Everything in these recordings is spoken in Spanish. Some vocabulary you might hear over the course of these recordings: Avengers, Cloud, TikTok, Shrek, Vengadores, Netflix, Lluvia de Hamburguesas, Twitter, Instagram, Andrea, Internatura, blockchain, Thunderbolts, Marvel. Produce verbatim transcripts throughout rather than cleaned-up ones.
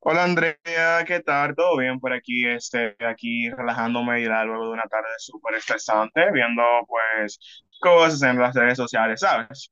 Hola Andrea, ¿qué tal? ¿Todo bien por aquí? Este, aquí relajándome ya luego de una tarde súper estresante, viendo pues cosas en las redes sociales, ¿sabes?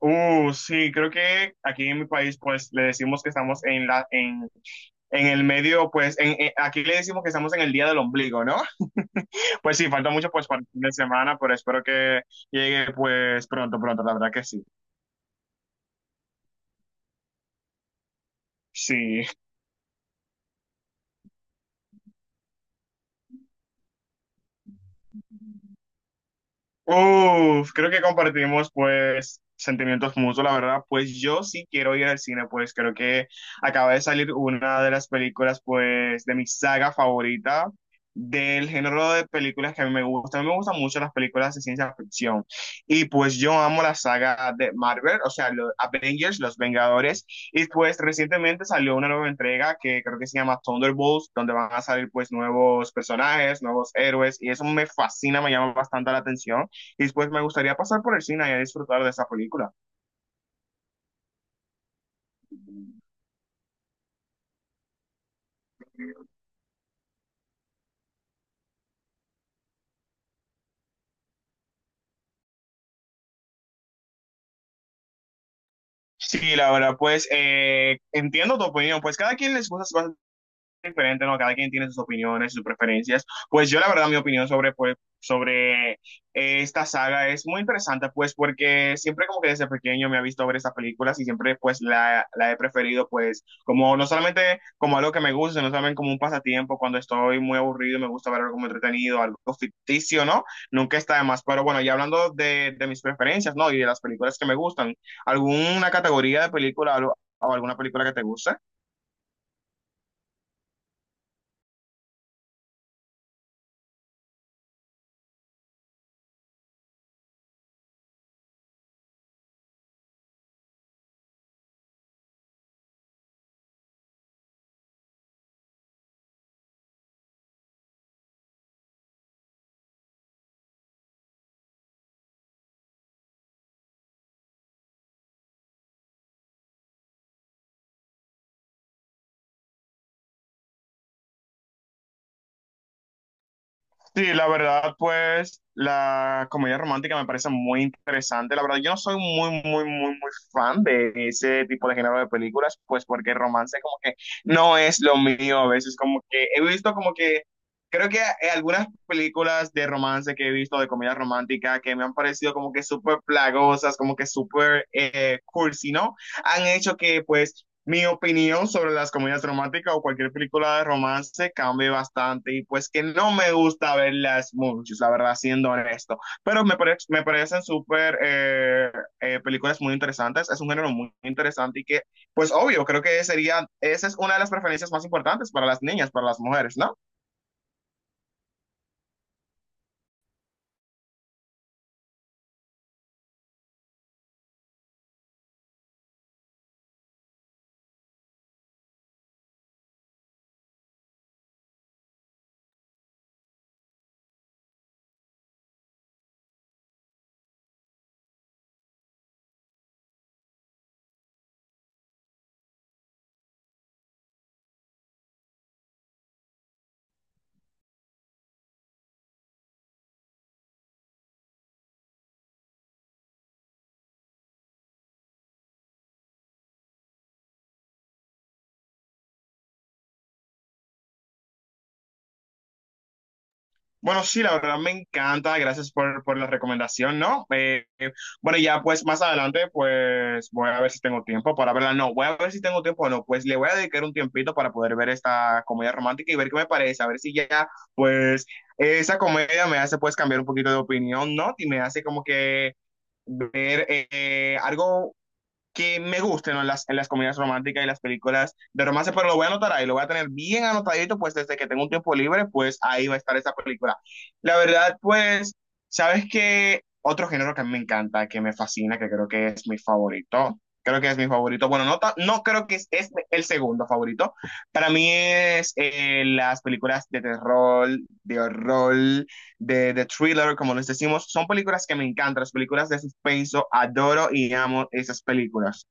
Uh, sí, creo que aquí en mi país pues le decimos que estamos en la, en, en el medio, pues en, en- aquí le decimos que estamos en el día del ombligo, ¿no? Pues sí, falta mucho pues para el fin de semana, pero espero que llegue pues pronto, pronto, la verdad que sí. Sí. Uf, creo que compartimos pues sentimientos mutuos, la verdad, pues yo sí quiero ir al cine, pues creo que acaba de salir una de las películas pues de mi saga favorita del género de películas que a mí me gusta, a mí me gustan mucho las películas de ciencia ficción y pues yo amo la saga de Marvel, o sea, los Avengers, los Vengadores, y pues recientemente salió una nueva entrega que creo que se llama Thunderbolts, donde van a salir pues nuevos personajes, nuevos héroes y eso me fascina, me llama bastante la atención. Y pues me gustaría pasar por el cine y a disfrutar de esa película. Sí, la verdad, pues eh, entiendo tu opinión. Pues cada quien les gusta diferente, ¿no? Cada quien tiene sus opiniones, sus preferencias. Pues yo la verdad mi opinión sobre, pues, sobre eh, esta saga es muy interesante, pues porque siempre como que desde pequeño me ha visto ver estas películas y siempre pues la, la he preferido pues como no solamente como algo que me gusta, sino también como un pasatiempo cuando estoy muy aburrido y me gusta ver algo como entretenido, algo ficticio, ¿no? Nunca está de más, pero bueno, ya hablando de, de mis preferencias, ¿no? Y de las películas que me gustan, ¿alguna categoría de película o o alguna película que te guste? Sí, la verdad, pues la comedia romántica me parece muy interesante. La verdad, yo no soy muy, muy, muy, muy fan de ese tipo de género de películas, pues porque el romance como que no es lo mío a veces, como que he visto como que, creo que eh, algunas películas de romance que he visto de comedia romántica que me han parecido como que súper plagosas, como que súper eh, cursi, ¿no? Han hecho que pues mi opinión sobre las comedias románticas o cualquier película de romance cambia bastante y pues que no me gusta verlas mucho, la verdad, siendo honesto. Pero me, pare- me parecen súper eh, eh, películas muy interesantes, es un género muy interesante y que pues obvio, creo que sería, esa es una de las preferencias más importantes para las niñas, para las mujeres, ¿no? Bueno, sí, la verdad me encanta, gracias por, por la recomendación, ¿no? Eh, eh, bueno, ya pues más adelante pues voy a ver si tengo tiempo para verla, no, voy a ver si tengo tiempo o no, pues le voy a dedicar un tiempito para poder ver esta comedia romántica y ver qué me parece, a ver si ya pues esa comedia me hace pues cambiar un poquito de opinión, ¿no? Y me hace como que ver eh, algo que me gusten, ¿no? En las, en las comedias románticas y las películas de romance, pero lo voy a anotar ahí, lo voy a tener bien anotadito, pues desde que tengo un tiempo libre, pues ahí va a estar esa película. La verdad, pues, ¿sabes qué? Otro género que a mí me encanta, que me fascina, que creo que es mi favorito, creo que es mi favorito, bueno, no, ta- no creo que es, es el segundo favorito, para mí es eh, las películas de terror, de horror, de, de thriller, como les decimos, son películas que me encantan, las películas de suspenso, adoro y amo esas películas.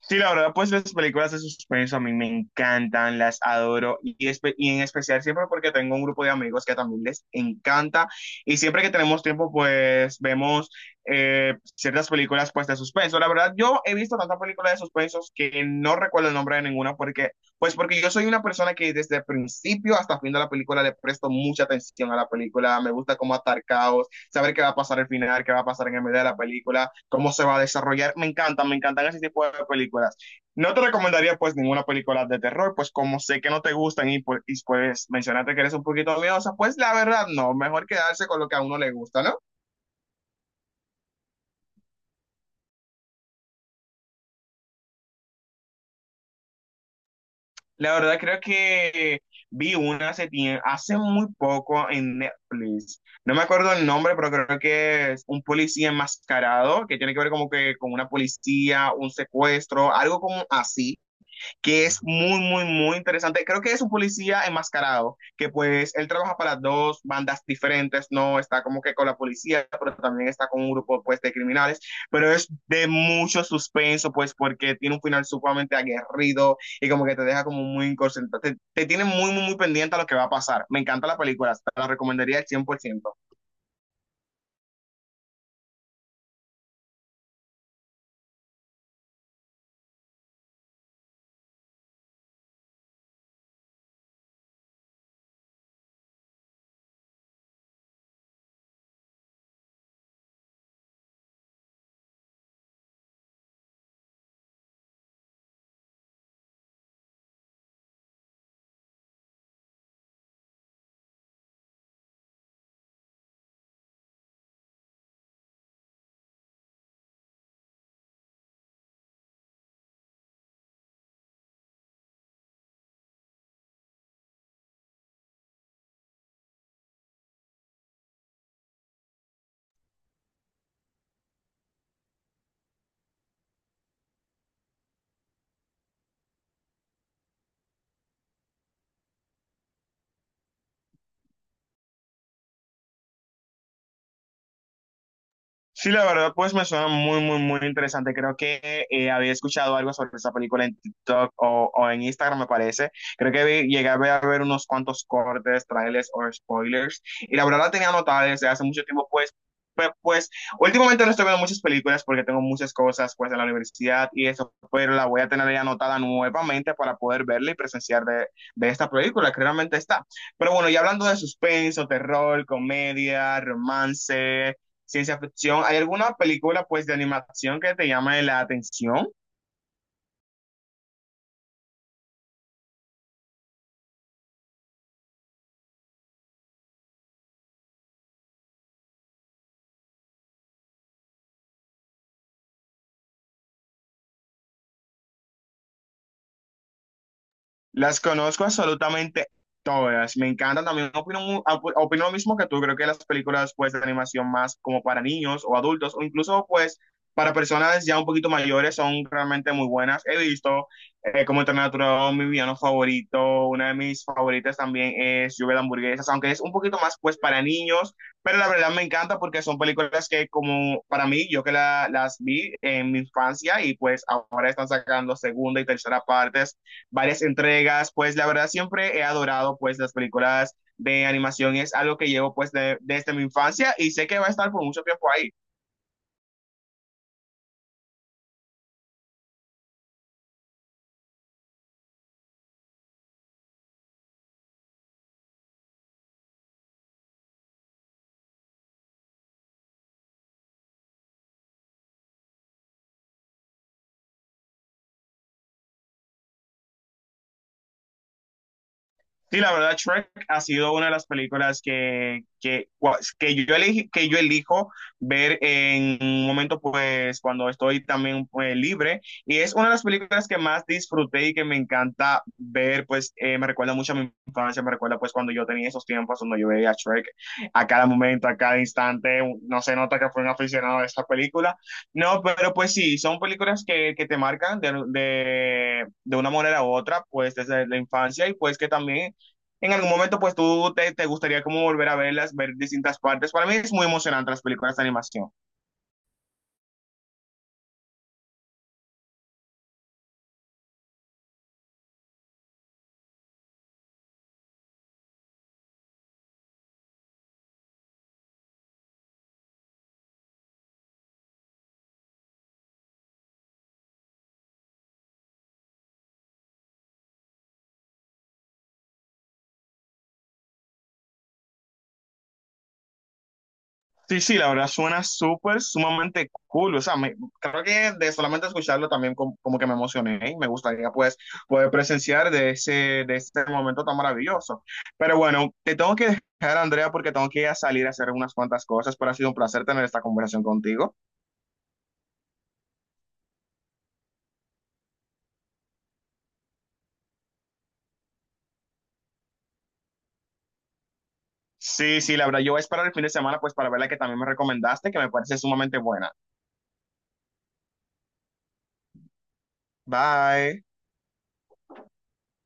Sí, la verdad, pues las películas de suspenso a mí me encantan, las adoro y, espe- y en especial siempre porque tengo un grupo de amigos que también les encanta y siempre que tenemos tiempo pues vemos eh, ciertas películas pues de suspenso. La verdad, yo he visto tantas películas de suspenso que no recuerdo el nombre de ninguna porque pues porque yo soy una persona que desde el principio hasta el fin de la película le presto mucha atención a la película, me gusta cómo atar caos, saber qué va a pasar al final, qué va a pasar en el medio de la película, cómo se va a desarrollar. Me encantan, me encantan ese tipo de películas. No te recomendaría pues ninguna película de terror, pues como sé que no te gustan y, pues y pues mencionaste que eres un poquito miedosa, pues la verdad no, mejor quedarse con lo que a uno le gusta, ¿no? La verdad creo que vi una hace, tie- hace muy poco en Netflix. No me acuerdo el nombre, pero creo que es un policía enmascarado que tiene que ver como que con una policía, un secuestro, algo como así que es muy, muy, muy interesante. Creo que es un policía enmascarado, que pues él trabaja para dos bandas diferentes, no está como que con la policía, pero también está con un grupo pues de criminales, pero es de mucho suspenso pues porque tiene un final sumamente aguerrido y como que te deja como muy concentrado, te, te tiene muy, muy, muy pendiente a lo que va a pasar. Me encanta la película, te la recomendaría al cien por ciento. Sí, la verdad, pues me suena muy, muy, muy interesante. Creo que eh, había escuchado algo sobre esa película en TikTok o, o en Instagram, me parece. Creo que vi- llegué a ver, a ver unos cuantos cortes, trailers o spoilers. Y la verdad la tenía anotada desde hace mucho tiempo, pues, pe- pues, últimamente no estoy viendo muchas películas porque tengo muchas cosas, pues, en la universidad y eso, pero la voy a tener ya anotada nuevamente para poder verla y presenciar de, de esta película, que realmente está. Pero bueno, y hablando de suspenso, terror, comedia, romance, ciencia ficción. ¿Hay alguna película pues de animación que te llame la atención? Las conozco absolutamente todas. Me encantan también. Opino, mu- op- opino lo mismo que tú. Creo que las películas pues, de animación más como para niños o adultos o incluso pues para personas ya un poquito mayores son realmente muy buenas. He visto eh, como Internatura mi villano favorito. Una de mis favoritas también es Lluvia de Hamburguesas, aunque es un poquito más pues para niños. Pero la verdad me encanta porque son películas que como para mí, yo que la- las vi en mi infancia y pues ahora están sacando segunda y tercera partes, varias entregas, pues la verdad siempre he adorado pues las películas de animación, es algo que llevo pues de- desde mi infancia y sé que va a estar por mucho tiempo ahí. Sí, la verdad, Shrek ha sido una de las películas que, que, que yo elegí, que yo elijo ver en un momento, pues, cuando estoy también pues, libre. Y es una de las películas que más disfruté y que me encanta ver, pues, eh, me recuerda mucho a mi infancia, me recuerda, pues, cuando yo tenía esos tiempos, cuando yo veía a Shrek a cada momento, a cada instante. No se nota que fue un aficionado de esta película. No, pero pues sí, son películas que, que te marcan de, de, de una manera u otra, pues, desde la infancia y pues que también en algún momento pues tú te, te, gustaría como volver a verlas, ver distintas partes. Para mí es muy emocionante las películas de animación. Sí, sí, la verdad suena súper, sumamente cool. O sea, me, creo que de solamente escucharlo también como, como que me emocioné y me gustaría pues poder presenciar de ese, de ese momento tan maravilloso. Pero bueno, te tengo que dejar, Andrea, porque tengo que ir a salir a hacer unas cuantas cosas, pero ha sido un placer tener esta conversación contigo. Sí, sí, la verdad, yo voy a esperar el fin de semana pues para ver la que también me recomendaste, que me parece sumamente buena. Bye.